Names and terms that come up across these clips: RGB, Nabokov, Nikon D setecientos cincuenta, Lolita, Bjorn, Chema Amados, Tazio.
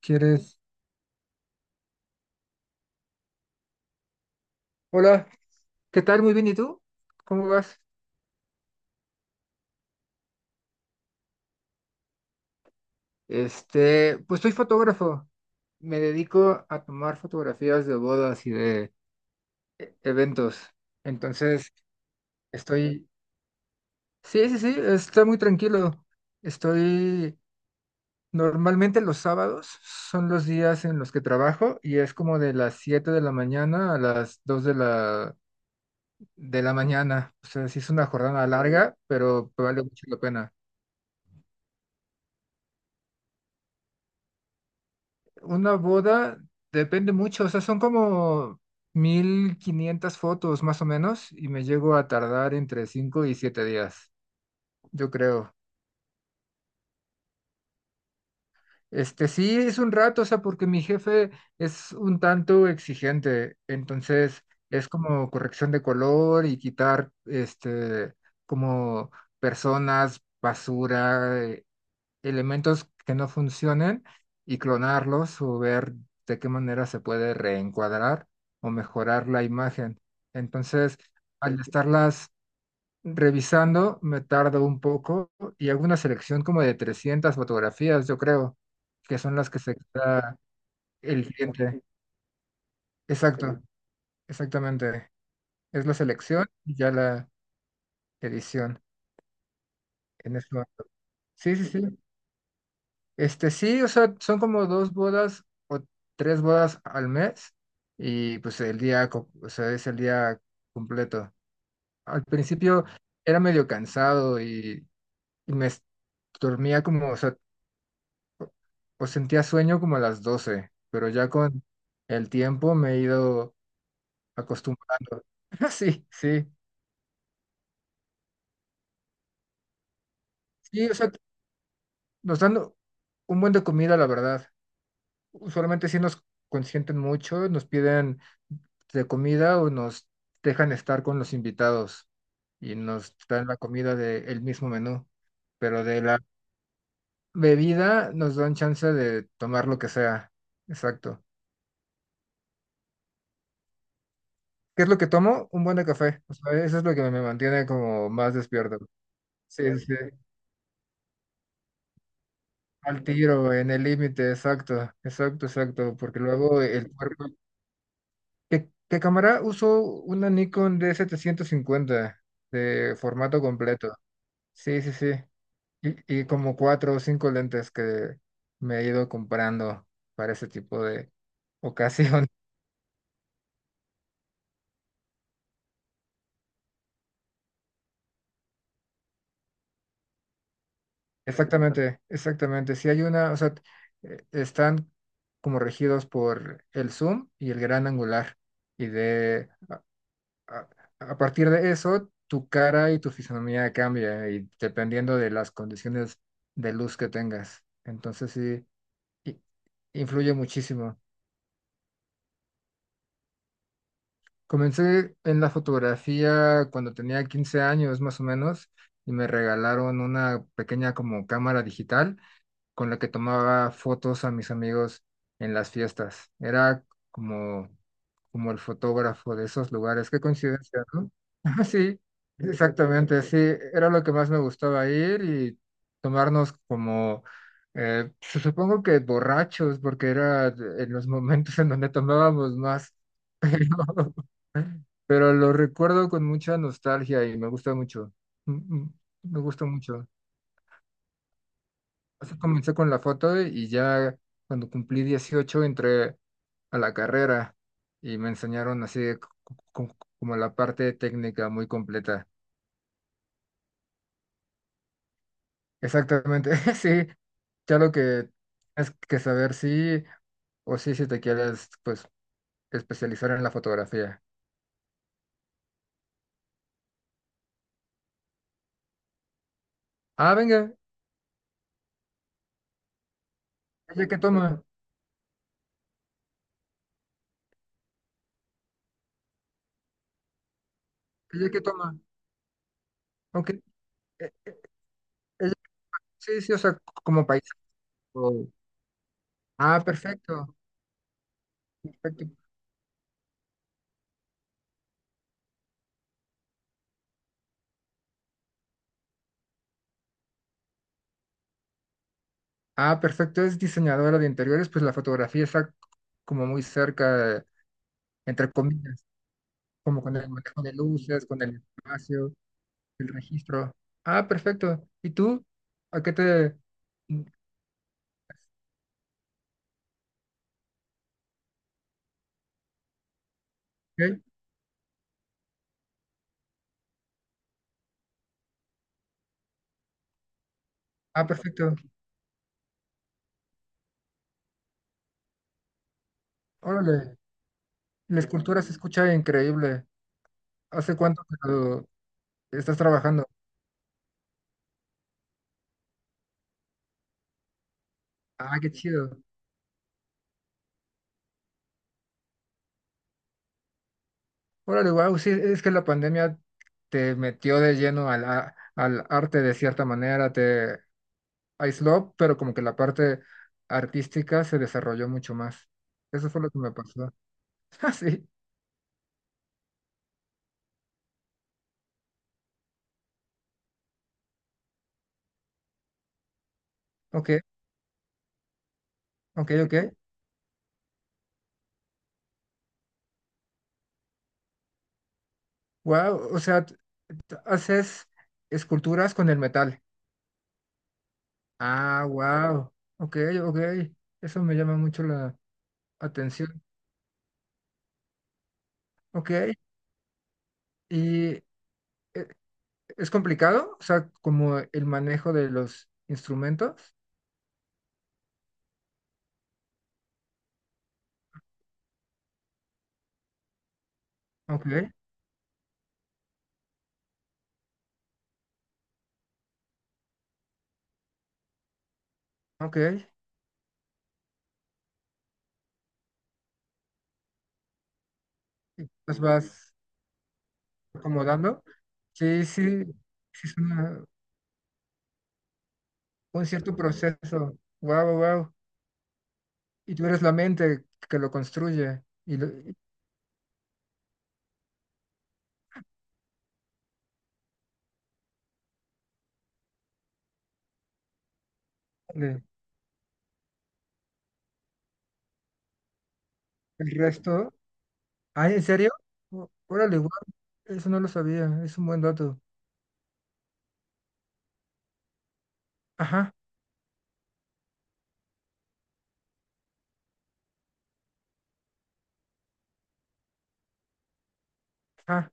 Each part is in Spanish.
¿Quieres? Hola, ¿qué tal? Muy bien, ¿y tú? ¿Cómo vas? Este, pues soy fotógrafo. Me dedico a tomar fotografías de bodas y de eventos. Entonces, estoy. Sí, sí, sí, está muy tranquilo. Estoy. Normalmente los sábados son los días en los que trabajo y es como de las 7 de la mañana a las 2 de la mañana. O sea, sí es una jornada larga, pero vale mucho la pena. Una boda depende mucho, o sea, son como 1,500 fotos más o menos y me llego a tardar entre 5 y 7 días, yo creo. Este sí es un rato, o sea, porque mi jefe es un tanto exigente, entonces es como corrección de color y quitar este como personas, basura, elementos que no funcionen y clonarlos o ver de qué manera se puede reencuadrar o mejorar la imagen. Entonces, al estarlas revisando, me tardo un poco y hago una selección como de 300 fotografías, yo creo, que son las que se queda el cliente. Exacto, exactamente. Es la selección y ya la edición en eso. Sí, sí, sí. Este sí, o sea, son como 2 bodas o 3 bodas al mes y pues el día, o sea, es el día completo. Al principio era medio cansado y me dormía como, o sea, o o sentía sueño como a las 12 pero ya con el tiempo me he ido acostumbrando. Sí, sí, sí, o sea, nos dan un buen de comida, la verdad. Usualmente sí nos consienten mucho, nos piden de comida o nos dejan estar con los invitados y nos dan la comida del mismo menú, pero de la bebida nos dan chance de tomar lo que sea. Exacto. ¿Qué es lo que tomo? Un buen de café. O sea, eso es lo que me mantiene como más despierto. Sí, sí. Sí. Al tiro, en el límite, exacto, exacto, exacto, porque luego el cuerpo. ¿Qué, qué cámara? Uso una Nikon D750 de formato completo. Sí, sí, sí. Y, y como 4 o 5 lentes que me he ido comprando para ese tipo de ocasión. Exactamente, exactamente. Si hay una, o sea, están como regidos por el zoom y el gran angular. Y de a, a partir de eso, tu cara y tu fisonomía cambia, y dependiendo de las condiciones de luz que tengas. Entonces sí, i- influye muchísimo. Comencé en la fotografía cuando tenía 15 años más o menos y me regalaron una pequeña como cámara digital con la que tomaba fotos a mis amigos en las fiestas. Era como como el fotógrafo de esos lugares. Qué coincidencia, ¿no? Sí, exactamente, sí. Era lo que más me gustaba ir y tomarnos como, supongo que borrachos, porque era en los momentos en donde tomábamos más. Pero, pero lo recuerdo con mucha nostalgia y me gusta mucho. Mm, mm, Me gusta mucho. Así comencé con la foto y ya cuando cumplí 18 entré a la carrera y me enseñaron así de como la parte técnica muy completa. Exactamente, sí. Ya lo que es que saber si o sí, si te quieres pues especializar en la fotografía. Ah, venga, ella que toma, ella que toma. Ok, eh, eh, ella- sí, sí, o sea, como país. Ah, perfecto, perfecto. Ah, perfecto, es diseñadora de interiores, pues la fotografía está como muy cerca, entre comillas, como con el manejo de luces, con el espacio, el registro. Ah, perfecto. ¿Y tú? ¿A qué te? ¿Qué? Ah, perfecto. Órale, la escultura se escucha increíble. ¿Hace cuánto que lo estás trabajando? Ah, qué chido. Órale, wow, sí, es que la pandemia te metió de lleno al, al arte de cierta manera, te Ice Love, pero como que la parte artística se desarrolló mucho más. Eso fue lo que me pasó. Ah, sí, ok, ok, ok. Wow, o sea, haces esculturas con el metal. Ah, wow, ok, ok. Eso me llama mucho la atención. Ok, y eh, es complicado, o sea, como el manejo de los instrumentos. Ok, ok. Y los vas acomodando. Sí, sí, sí, suena un cierto proceso. Wow, wow. Y tú eres la mente que lo construye. Y, y le- el resto. Ah, ¿en serio? Órale, wow. Eso no lo sabía. Es un buen dato. Ajá, ajá.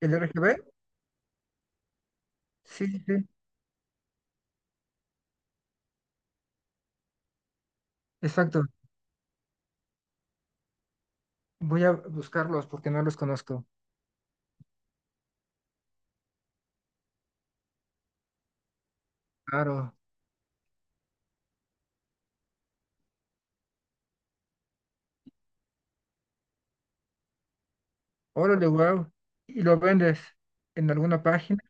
¿El RGB? Sí, sí, sí. Exacto. Voy a buscarlos porque no los conozco. Claro. Órale, wow. ¿Y lo vendes en alguna página?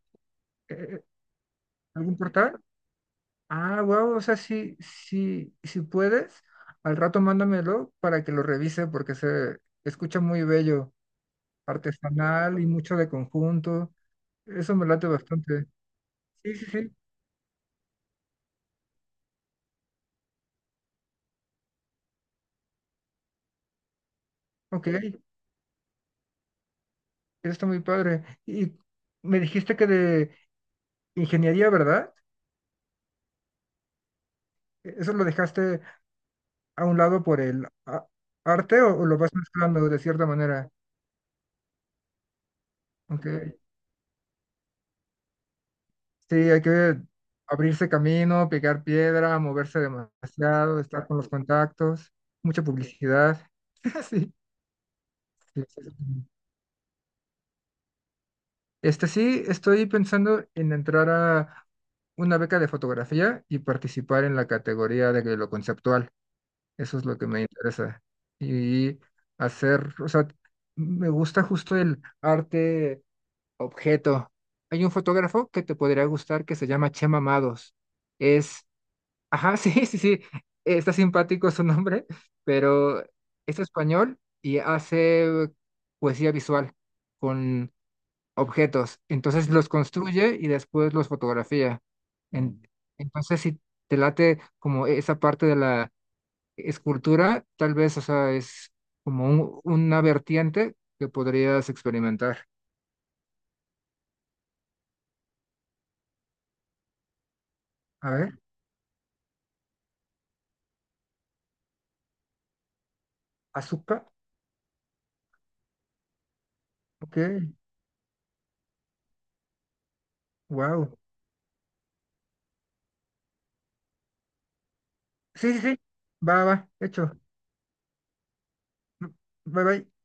Eh, eh, ¿Algún portal? Ah, wow, o sea, sí, sí, si puedes, al rato mándamelo para que lo revise porque se escucha muy bello, artesanal y mucho de conjunto. Eso me late bastante. Sí, sí, sí, ok, eso está muy padre. Y me dijiste que de ingeniería, ¿verdad? ¿Eso lo dejaste a un lado por el arte o lo vas mezclando de cierta manera? Ok, sí, hay que abrirse camino, pegar piedra, moverse demasiado, estar con los contactos, mucha publicidad. Sí, sí, sí. Sí. Este sí, estoy pensando en entrar a una beca de fotografía y participar en la categoría de lo conceptual. Eso es lo que me interesa. Y hacer, o sea, me gusta justo el arte objeto. Hay un fotógrafo que te podría gustar que se llama Chema Amados. Es Ajá, sí, sí, sí. Está simpático su nombre, pero es español y hace poesía visual con objetos. Entonces los construye y después los fotografía. En- Mm. Entonces, si te late como esa parte de la escultura, tal vez, o sea, es como una vertiente que podrías experimentar. A ver, azúcar. Ok, wow. Sí, sí, sí. Va, va, hecho. Bye, bye.